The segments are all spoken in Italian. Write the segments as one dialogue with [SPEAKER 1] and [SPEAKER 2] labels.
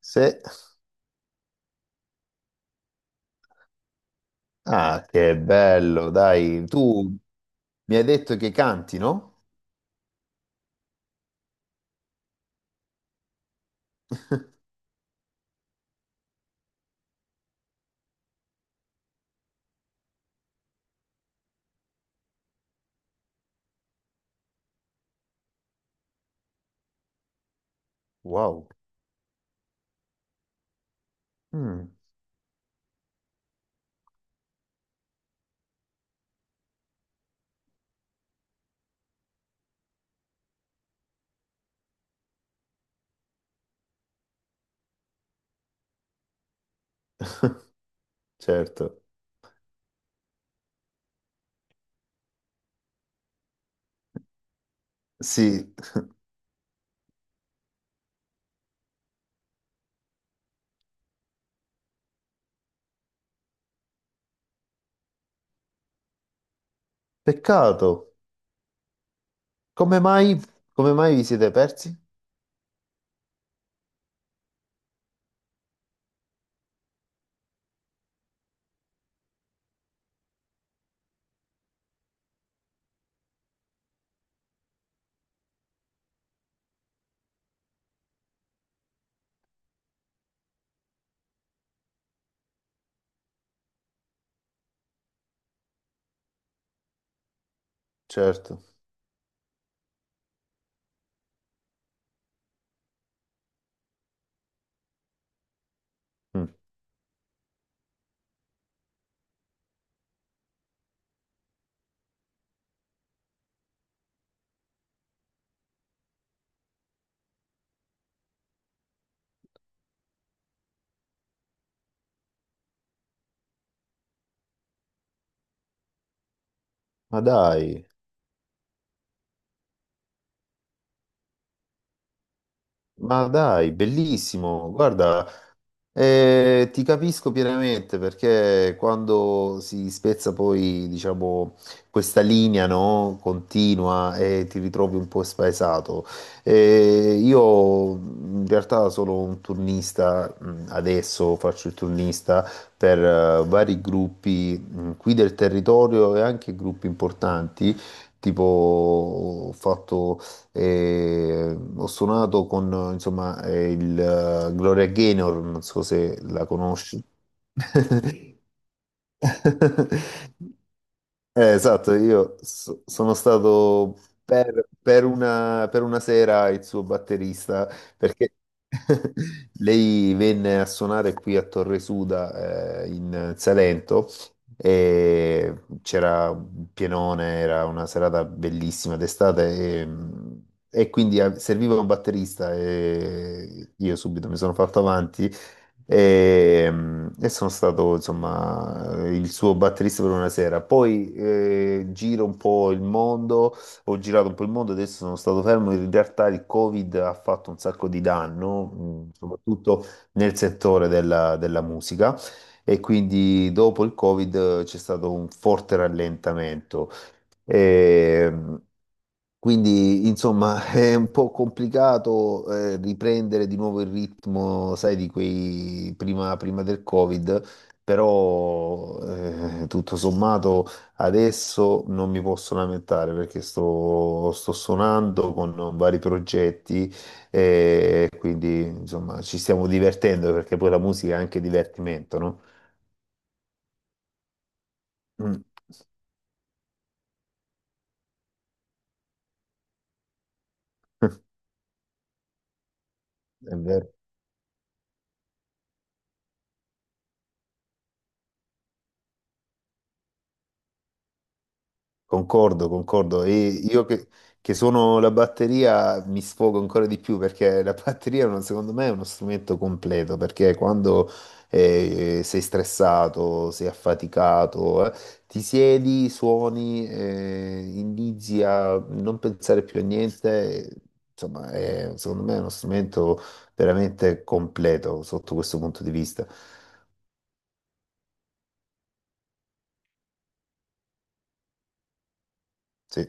[SPEAKER 1] Se... Ah, che bello, dai. Tu mi hai detto che canti, no? Wow. Mm. Certo. Sì, peccato. Come mai, come mai vi siete persi? Certo. Mm. Ma dai, ma dai, bellissimo. Guarda, ti capisco pienamente perché quando si spezza poi, diciamo, questa linea, no, continua e ti ritrovi un po' spaesato. Io in realtà sono un turnista, adesso faccio il turnista per vari gruppi, qui del territorio e anche gruppi importanti. Tipo, ho fatto e ho suonato con insomma il Gloria Gaynor, non so se la conosci. Esatto, sono stato per una sera il suo batterista perché lei venne a suonare qui a Torre Suda in Salento e c'era un pienone, era una serata bellissima d'estate e, e quindi serviva un batterista e io subito mi sono fatto avanti e, e sono stato insomma il suo batterista per una sera. Poi giro un po' il mondo, ho girato un po' il mondo, adesso sono stato fermo. In realtà il Covid ha fatto un sacco di danno, soprattutto nel settore della, della musica. E quindi dopo il Covid c'è stato un forte rallentamento. Ehm, quindi, insomma, è un po' complicato riprendere di nuovo il ritmo, sai, di quei prima, prima del Covid, però tutto sommato adesso non mi posso lamentare perché sto, sto suonando con vari progetti e quindi, insomma, ci stiamo divertendo perché poi la musica è anche divertimento, no? Mm. È vero. Concordo, concordo. E io che sono la batteria mi sfogo ancora di più perché la batteria, secondo me, è uno strumento completo perché quando sei stressato, sei affaticato, ti siedi, suoni, inizi a non pensare più a niente. Insomma, secondo me è uno strumento veramente completo sotto questo punto di vista. Sì.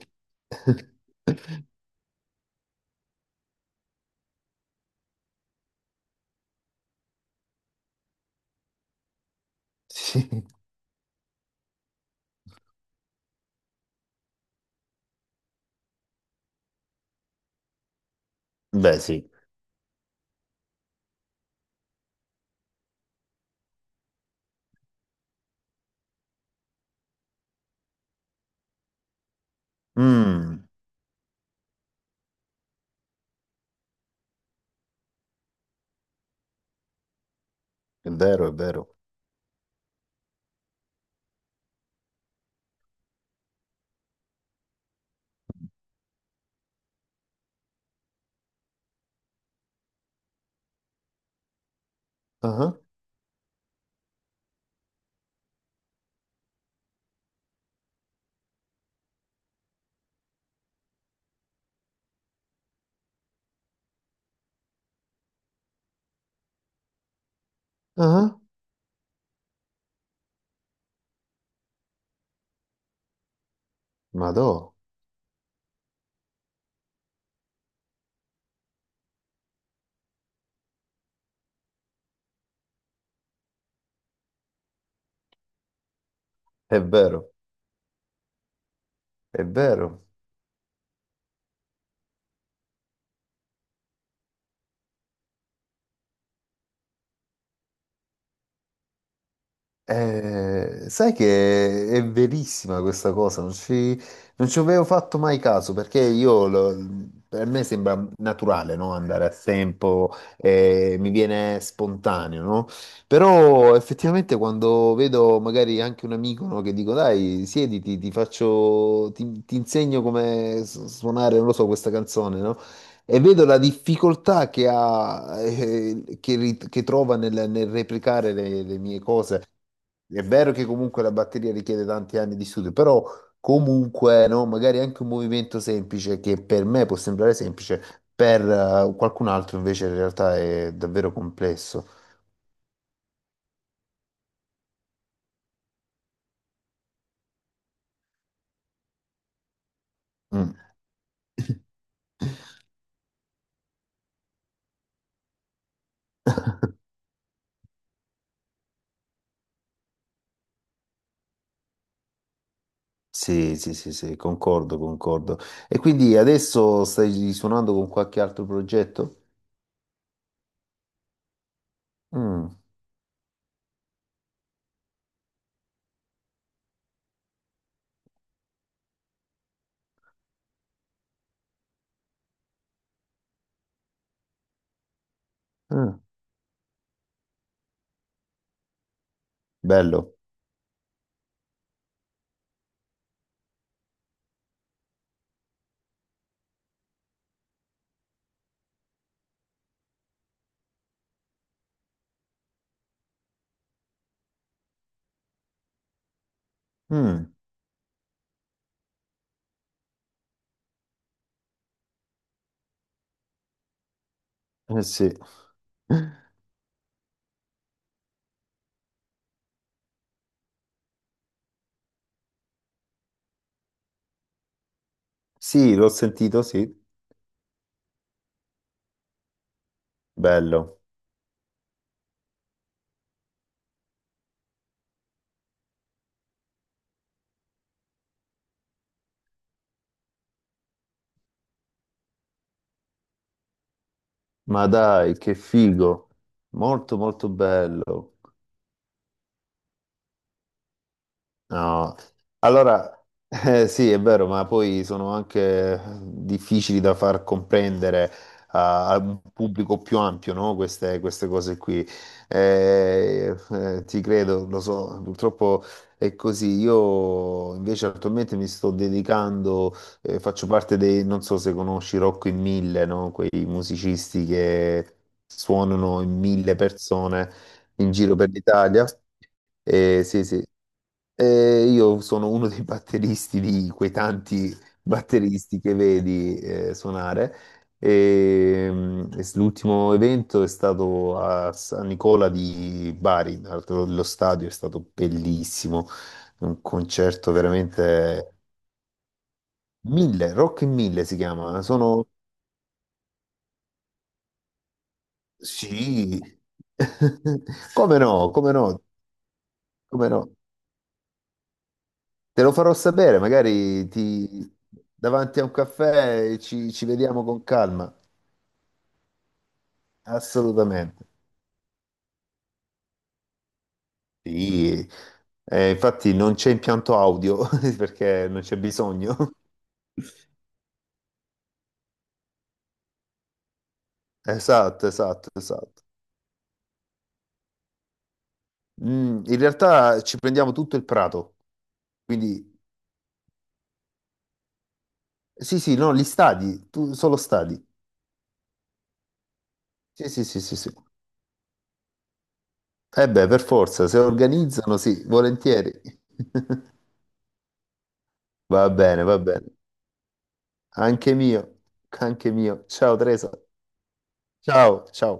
[SPEAKER 1] Sì. Beh, sì. Mm. È vero, è vero. Ah, ah, ah. Madò, è vero, è vero. Sai che è verissima questa cosa, non ci, non ci avevo fatto mai caso perché per me sembra naturale, no? Andare a tempo, mi viene spontaneo, no? Però effettivamente quando vedo magari anche un amico, no, che dico, dai, siediti, ti faccio, ti insegno come suonare, non lo so, questa canzone, no? E vedo la difficoltà che ha, che, che trova nel, nel replicare le mie cose. È vero che comunque la batteria richiede tanti anni di studio, però comunque, no, magari anche un movimento semplice che per me può sembrare semplice, per qualcun altro invece in realtà è davvero complesso. Mm. Sì, sì, sì, sì, concordo, concordo. E quindi adesso stai suonando con qualche altro progetto? Mm, mm, bello. Mm, eh sì. Sì, l'ho sentito, sì. Bello. Ma dai, che figo. Molto, molto bello. No, allora sì, è vero, ma poi sono anche difficili da far comprendere a, a un pubblico più ampio, no? Queste, queste cose qui. Ti credo, lo so, purtroppo è così. Io invece attualmente mi sto dedicando, faccio parte dei, non so se conosci Rocco in Mille, no? Quei musicisti che suonano in mille persone in giro per l'Italia. Sì, sì. Io sono uno dei batteristi di quei tanti batteristi che vedi suonare. L'ultimo evento è stato a San Nicola di Bari, tra l'altro lo stadio è stato bellissimo, un concerto veramente mille, Rock in mille si chiama. Sono sì, come no, come no, come no. Te lo farò sapere, magari ti... davanti a un caffè ci, ci vediamo con calma. Assolutamente. Sì. Infatti non c'è impianto audio perché non c'è bisogno. Esatto, esatto, esatto. Mm, in realtà ci prendiamo tutto il prato, quindi sì, sì, no, gli stadi, tu, solo stadi. Sì, sì, sì, sì, sì. Eh beh, per forza, se organizzano, sì, volentieri. Va bene, va bene. Anche mio, anche mio. Ciao Teresa. Ciao, ciao.